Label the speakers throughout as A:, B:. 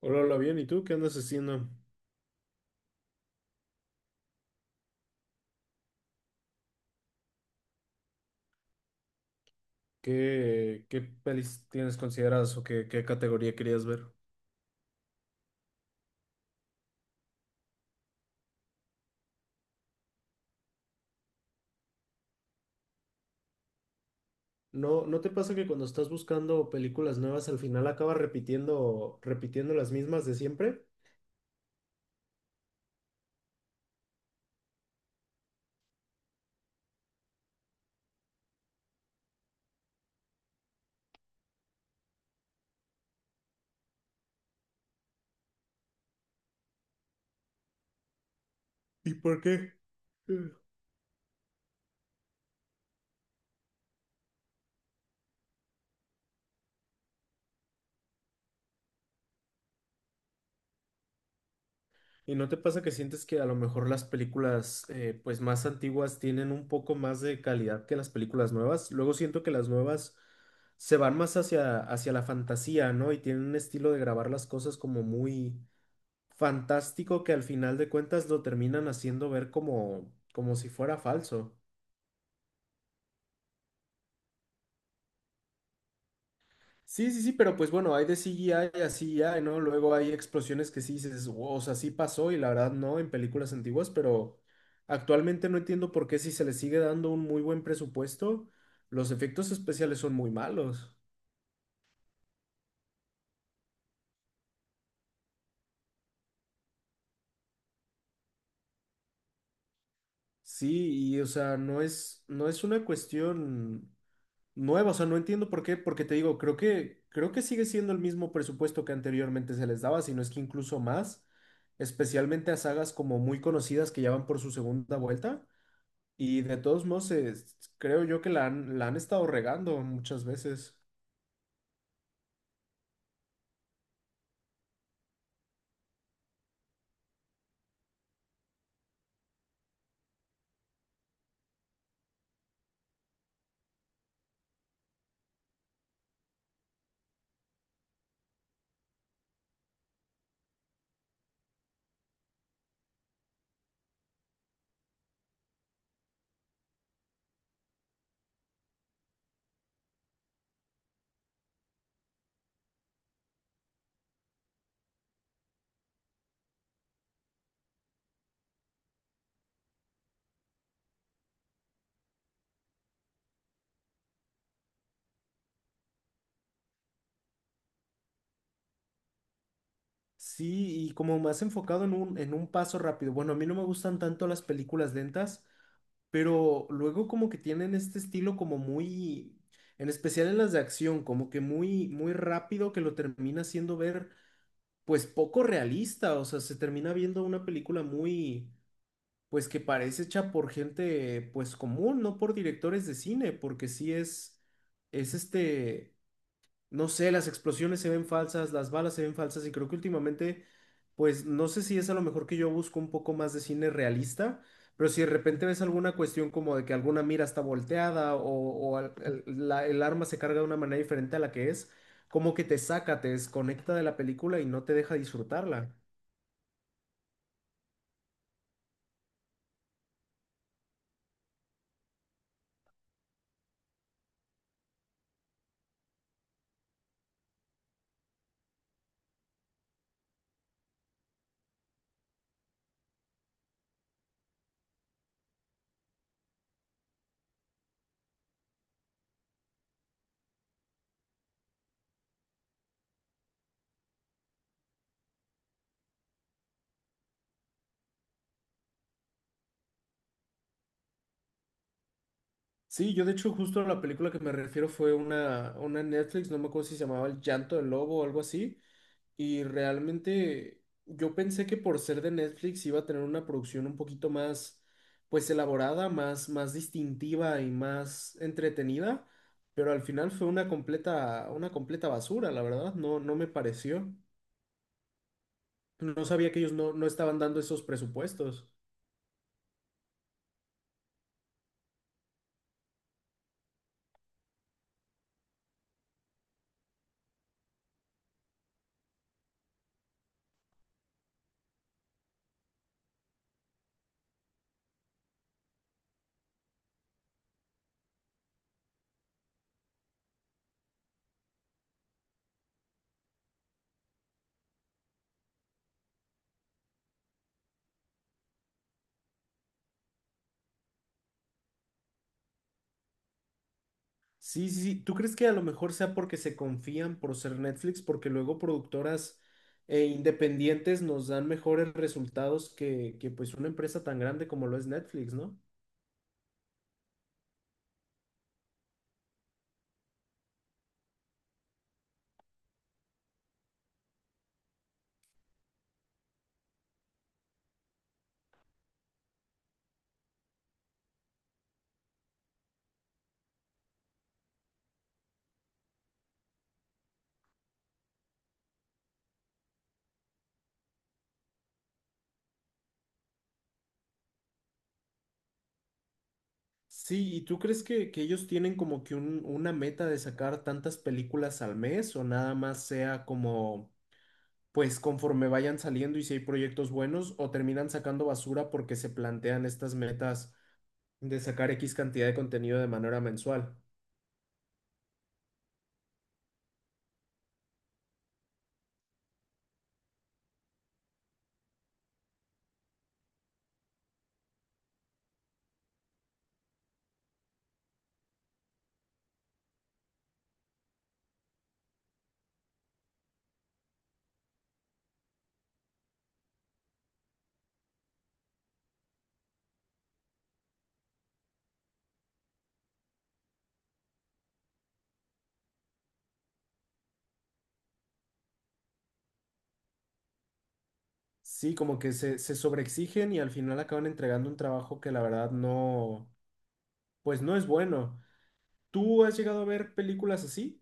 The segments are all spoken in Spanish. A: Hola, hola, bien. ¿Y tú qué andas haciendo? ¿Qué pelis tienes consideradas o qué categoría querías ver? ¿No te pasa que cuando estás buscando películas nuevas al final acabas repitiendo las mismas de siempre? ¿Y por qué? Eh. ¿Y no te pasa que sientes que a lo mejor las películas pues más antiguas tienen un poco más de calidad que las películas nuevas? Luego siento que las nuevas se van más hacia la fantasía, ¿no? Y tienen un estilo de grabar las cosas como muy fantástico que al final de cuentas lo terminan haciendo ver como si fuera falso. Sí, sí, sí, pero pues bueno, hay de CGI a CGI, ¿no? Luego hay explosiones que sí dices, "Wow, o sea, sí pasó y la verdad no en películas antiguas, pero actualmente no entiendo por qué si se le sigue dando un muy buen presupuesto, los efectos especiales son muy malos. Sí, y o sea, no es una cuestión nueva, o sea, no entiendo por qué, porque te digo, creo que sigue siendo el mismo presupuesto que anteriormente se les daba, si no es que incluso más, especialmente a sagas como muy conocidas que ya van por su segunda vuelta, y de todos modos, creo yo que la han estado regando muchas veces. Sí, y como más enfocado en un paso rápido. Bueno, a mí no me gustan tanto las películas lentas, pero luego como que tienen este estilo como muy, en especial en las de acción, como que muy rápido que lo termina haciendo ver pues poco realista, o sea, se termina viendo una película muy, pues que parece hecha por gente, pues común, no por directores de cine, porque sí es no sé, las explosiones se ven falsas, las balas se ven falsas y creo que últimamente, pues no sé si es a lo mejor que yo busco un poco más de cine realista, pero si de repente ves alguna cuestión como de que alguna mira está volteada o el arma se carga de una manera diferente a la que es, como que te saca, te desconecta de la película y no te deja disfrutarla. Sí, yo de hecho justo a la película que me refiero fue una Netflix, no me acuerdo si se llamaba El Llanto del Lobo o algo así. Y realmente yo pensé que por ser de Netflix iba a tener una producción un poquito más, pues elaborada, más distintiva y más entretenida, pero al final fue una completa basura, la verdad, no me pareció. No sabía que ellos no estaban dando esos presupuestos. Sí, sí, sí. ¿Tú crees que a lo mejor sea porque se confían por ser Netflix? Porque luego productoras e independientes nos dan mejores resultados que pues una empresa tan grande como lo es Netflix, ¿no? Sí, ¿y tú crees que ellos tienen como que una meta de sacar tantas películas al mes o nada más sea como, pues conforme vayan saliendo y si hay proyectos buenos o terminan sacando basura porque se plantean estas metas de sacar X cantidad de contenido de manera mensual? Sí, como que se sobreexigen y al final acaban entregando un trabajo que la verdad no, pues no es bueno. ¿Tú has llegado a ver películas así?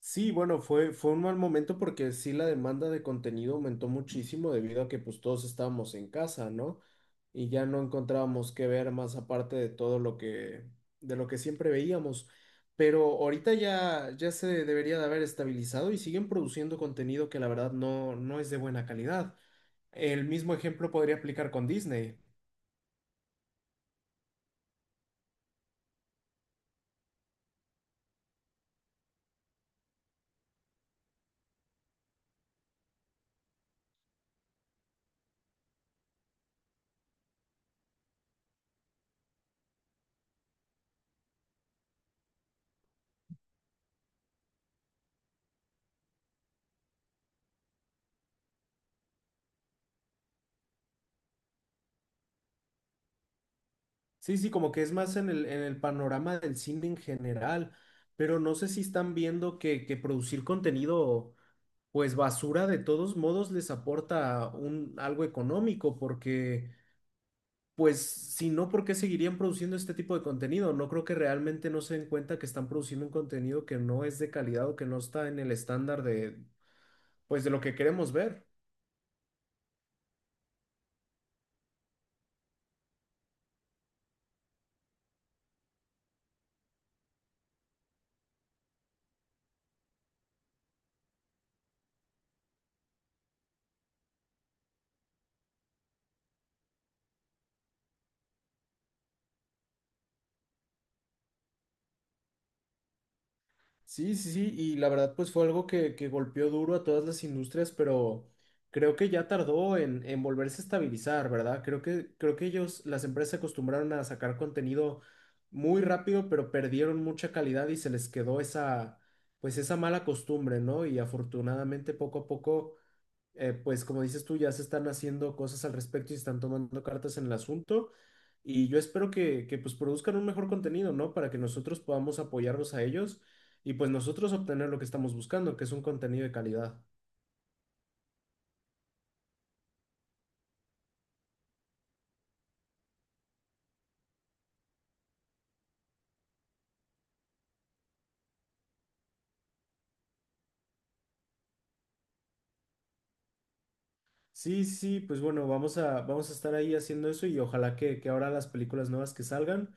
A: Sí, bueno, fue un mal momento porque sí la demanda de contenido aumentó muchísimo debido a que pues todos estábamos en casa, ¿no? Y ya no encontrábamos qué ver más aparte de todo lo que, de lo que siempre veíamos. Pero ahorita ya, ya se debería de haber estabilizado y siguen produciendo contenido que la verdad no, no es de buena calidad. El mismo ejemplo podría aplicar con Disney. Sí, sí, como que es más en el panorama del cine en general, pero no sé si están viendo que producir contenido pues basura de todos modos les aporta un algo económico porque pues si no, ¿por qué seguirían produciendo este tipo de contenido? No creo que realmente no se den cuenta que están produciendo un contenido que no es de calidad o que no está en el estándar de pues de lo que queremos ver. Sí, sí, sí, y la verdad pues fue algo que golpeó duro a todas las industrias, pero creo que ya tardó en volverse a estabilizar, ¿verdad? Creo que ellos, las empresas se acostumbraron a sacar contenido muy rápido, pero perdieron mucha calidad y se les quedó esa, pues esa mala costumbre, ¿no? Y afortunadamente poco a poco pues como dices tú, ya se están haciendo cosas al respecto y se están tomando cartas en el asunto. Y yo espero que pues produzcan un mejor contenido, ¿no? Para que nosotros podamos apoyarlos a ellos y pues nosotros obtener lo que estamos buscando, que es un contenido de calidad. Sí, sí, pues bueno, vamos a estar ahí haciendo eso y ojalá que ahora las películas nuevas que salgan,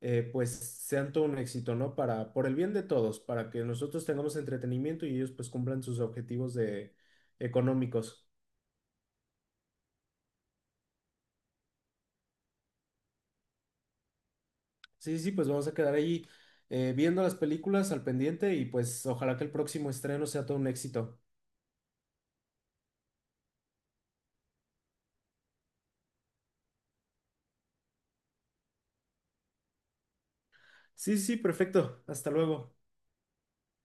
A: pues sean todo un éxito, ¿no? Para, por el bien de todos, para que nosotros tengamos entretenimiento y ellos pues cumplan sus objetivos de, económicos. Sí, sí, sí, pues vamos a quedar ahí viendo las películas al pendiente y pues ojalá que el próximo estreno sea todo un éxito. Sí, sí, sí, perfecto. Hasta luego.